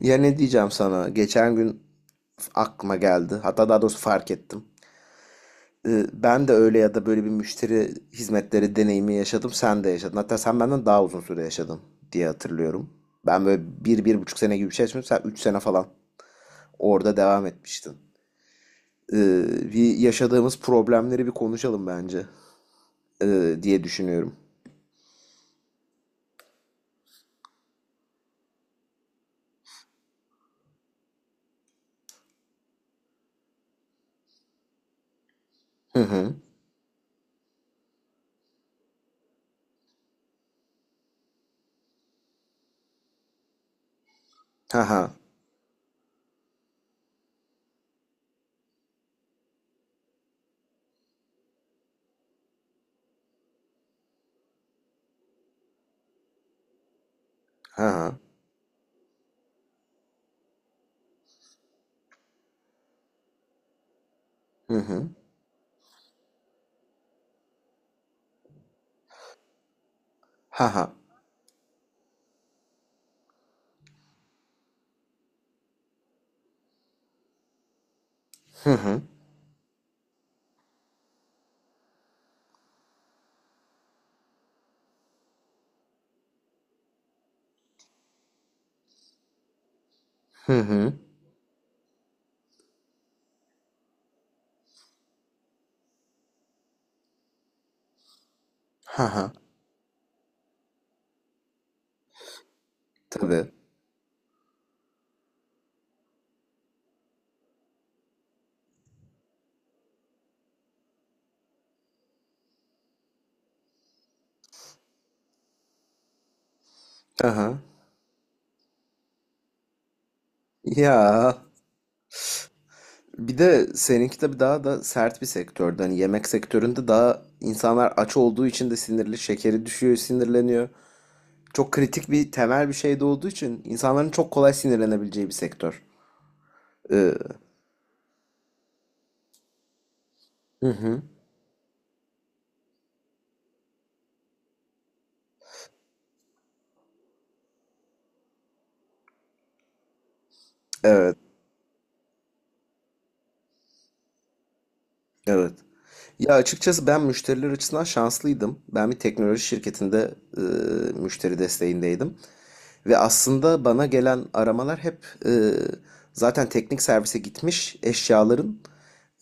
Ya ne diyeceğim sana? Geçen gün aklıma geldi. Hatta daha doğrusu fark ettim. Ben de öyle ya da böyle bir müşteri hizmetleri deneyimi yaşadım. Sen de yaşadın. Hatta sen benden daha uzun süre yaşadın diye hatırlıyorum. Ben böyle bir, 1,5 sene gibi bir şey yaşamıştım. Sen 3 sene falan orada devam etmiştin. Bir yaşadığımız problemleri bir konuşalım bence diye düşünüyorum. Hı hı. Ha ha. Ha ha. Hı hı. Ha ha. Hı hı. Hı hı. Ha ha. Tabii. Ha ha. Ya. Bir de seninki tabii daha da sert bir sektördü. Hani yemek sektöründe daha insanlar aç olduğu için de sinirli, şekeri düşüyor, sinirleniyor. Çok kritik bir temel bir şey de olduğu için insanların çok kolay sinirlenebileceği bir sektör. Ee, hı hı, evet, evet. Ya açıkçası ben müşteriler açısından şanslıydım. Ben bir teknoloji şirketinde müşteri desteğindeydim. Ve aslında bana gelen aramalar hep e, zaten teknik servise gitmiş eşyaların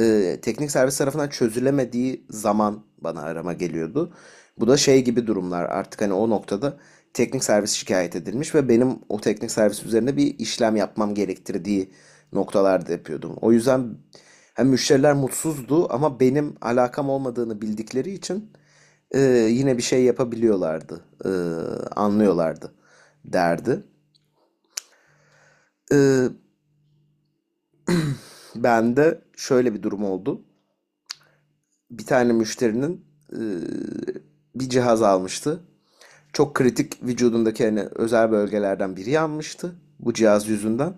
teknik servis tarafından çözülemediği zaman bana arama geliyordu. Bu da şey gibi durumlar artık hani o noktada teknik servis şikayet edilmiş ve benim o teknik servis üzerine bir işlem yapmam gerektirdiği noktalarda yapıyordum. O yüzden hem müşteriler mutsuzdu ama benim alakam olmadığını bildikleri için e, yine bir şey yapabiliyorlardı, anlıyorlardı derdi. E, ben de şöyle bir durum oldu. Bir tane müşterinin e, bir cihaz almıştı. Çok kritik vücudundaki hani özel bölgelerden biri yanmıştı bu cihaz yüzünden.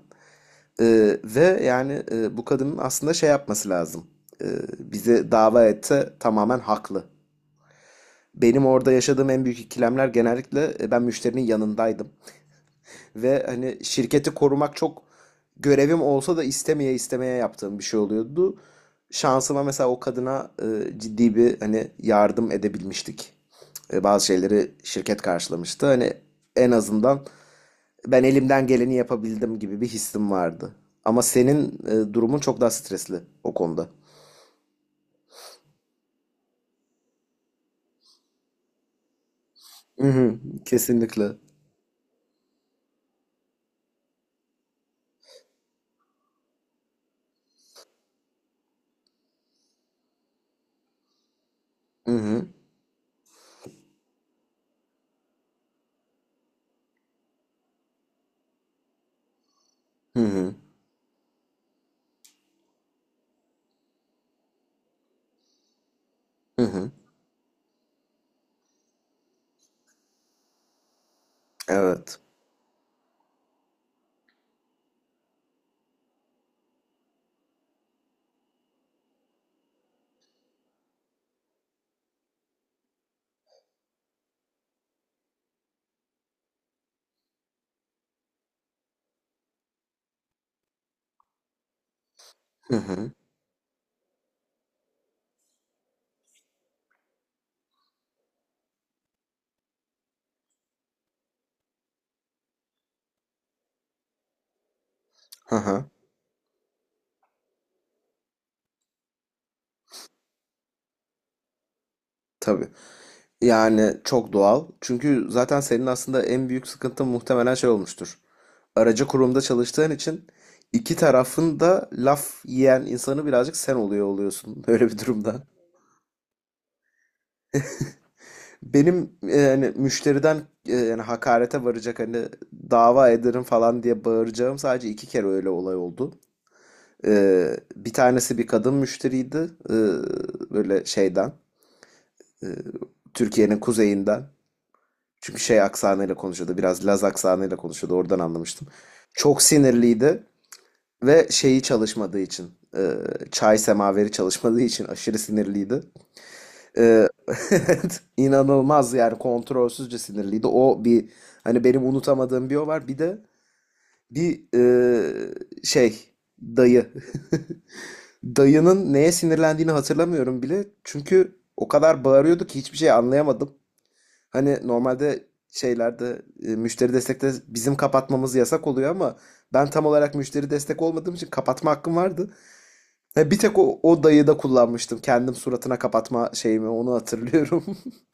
Ve yani bu kadının aslında şey yapması lazım. E, bizi dava etse tamamen haklı. Benim orada yaşadığım en büyük ikilemler genellikle ben müşterinin yanındaydım. Ve hani şirketi korumak çok görevim olsa da istemeye istemeye yaptığım bir şey oluyordu. Şansıma mesela o kadına ciddi bir hani yardım edebilmiştik. Bazı şeyleri şirket karşılamıştı. Hani en azından ben elimden geleni yapabildim gibi bir hissim vardı. Ama senin durumun çok daha stresli o konuda. Hı hı, kesinlikle. Hı hı, hı hı, hı hı. Evet. Hı hı, hı hı. Tabii. Yani çok doğal. Çünkü zaten senin aslında en büyük sıkıntın muhtemelen şey olmuştur. Aracı kurumda çalıştığın için iki tarafın da laf yiyen insanı birazcık sen oluyorsun öyle bir durumda. Benim yani müşteriden yani hakarete varacak hani dava ederim falan diye bağıracağım sadece 2 kere öyle olay oldu. Bir tanesi bir kadın müşteriydi. Ee, böyle şeyden e, Türkiye'nin kuzeyinden. Çünkü şey aksanıyla konuşuyordu. Biraz Laz aksanıyla konuşuyordu. Oradan anlamıştım. Çok sinirliydi ve şeyi çalışmadığı için e, çay semaveri çalışmadığı için aşırı sinirliydi. E, inanılmaz yani kontrolsüzce sinirliydi. O bir hani benim unutamadığım bir o var. Bir de bir şey dayı. Dayının neye sinirlendiğini hatırlamıyorum bile. Çünkü o kadar bağırıyordu ki hiçbir şey anlayamadım. Hani normalde şeylerde müşteri destekte bizim kapatmamız yasak oluyor ama ben tam olarak müşteri destek olmadığım için kapatma hakkım vardı. Ha, bir tek o dayı da kullanmıştım. Kendim suratına kapatma şeyimi onu hatırlıyorum.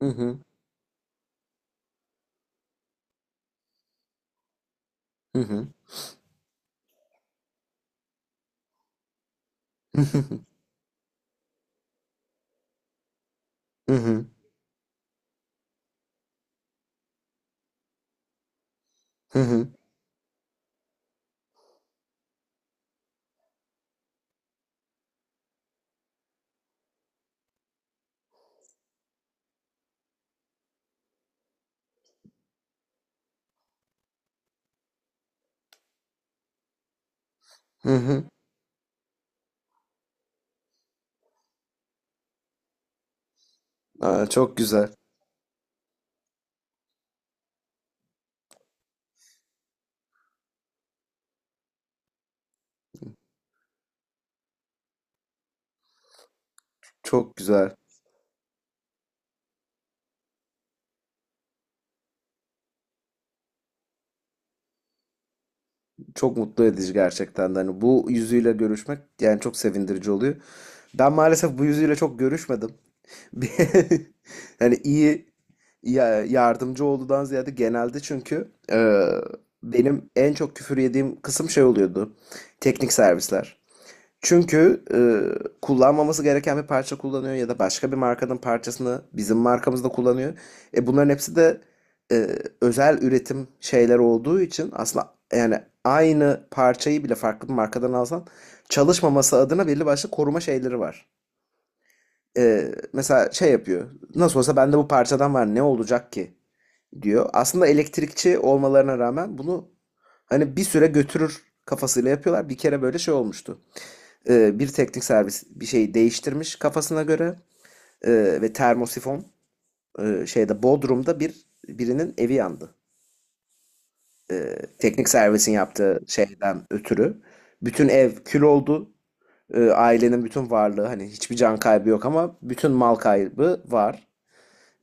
Hı hı, hı hı, hı hı, hı hı, hı hı. Hı. Aa, çok güzel. Çok güzel. Çok mutlu edici gerçekten de. Hani bu yüzüyle görüşmek yani çok sevindirici oluyor. Ben maalesef bu yüzüyle çok görüşmedim. Hani iyi yardımcı olduğundan ziyade genelde çünkü benim en çok küfür yediğim kısım şey oluyordu. Teknik servisler. Çünkü kullanmaması gereken bir parça kullanıyor ya da başka bir markanın parçasını bizim markamızda kullanıyor. Bunların hepsi de e, özel üretim şeyler olduğu için aslında yani aynı parçayı bile farklı bir markadan alsan çalışmaması adına belli başlı koruma şeyleri var, mesela şey yapıyor. Nasıl olsa bende bu parçadan var ne olacak ki diyor. Aslında elektrikçi olmalarına rağmen bunu hani bir süre götürür kafasıyla yapıyorlar. Bir kere böyle şey olmuştu. Bir teknik servis bir şeyi değiştirmiş kafasına göre. E, ve termosifon şeyde Bodrum'da bir birinin evi yandı. Teknik servisin yaptığı şeyden ötürü. Bütün ev kül oldu. Ailenin bütün varlığı hani hiçbir can kaybı yok ama bütün mal kaybı var.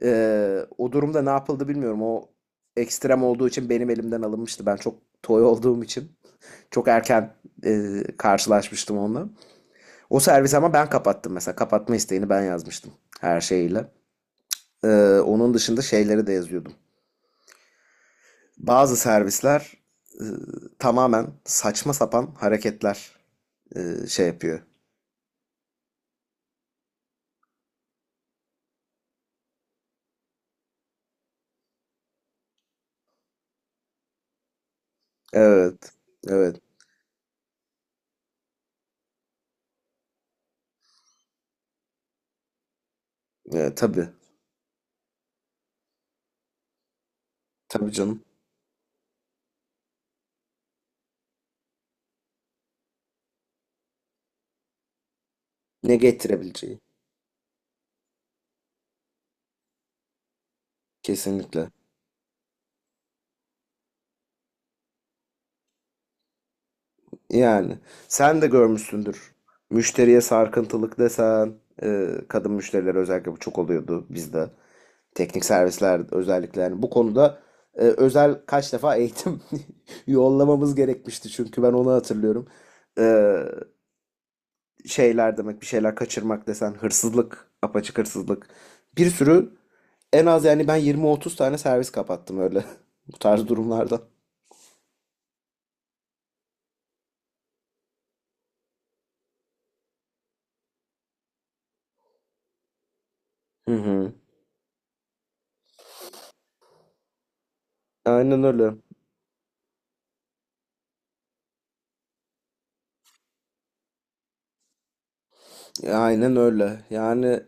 O durumda ne yapıldı bilmiyorum. O ekstrem olduğu için benim elimden alınmıştı. Ben çok toy olduğum için çok erken karşılaşmıştım onunla. O servisi ama ben kapattım mesela. Kapatma isteğini ben yazmıştım her şeyiyle. Onun dışında şeyleri de yazıyordum. Bazı servisler eee, tamamen saçma sapan hareketler, şey yapıyor. Evet, evet, evet, tabii, tabii canım. Ne getirebileceği kesinlikle. Yani sen de görmüşsündür. Müşteriye sarkıntılık desen, kadın müşteriler özellikle bu çok oluyordu bizde. Teknik servisler özellikle yani bu konuda özel kaç defa eğitim yollamamız gerekmişti çünkü ben onu hatırlıyorum. E, şeyler demek bir şeyler kaçırmak desen hırsızlık, apaçık hırsızlık. Bir sürü en az yani ben 20-30 tane servis kapattım öyle bu tarz durumlarda. Hı hı. Aynen öyle. Aynen öyle. Yani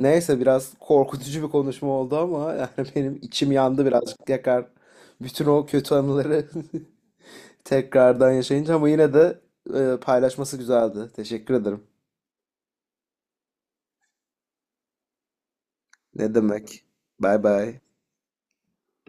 neyse biraz korkutucu bir konuşma oldu ama yani benim içim yandı birazcık yakar. Bütün o kötü anıları tekrardan yaşayınca ama yine de paylaşması güzeldi. Teşekkür ederim. Ne demek? Bay bay.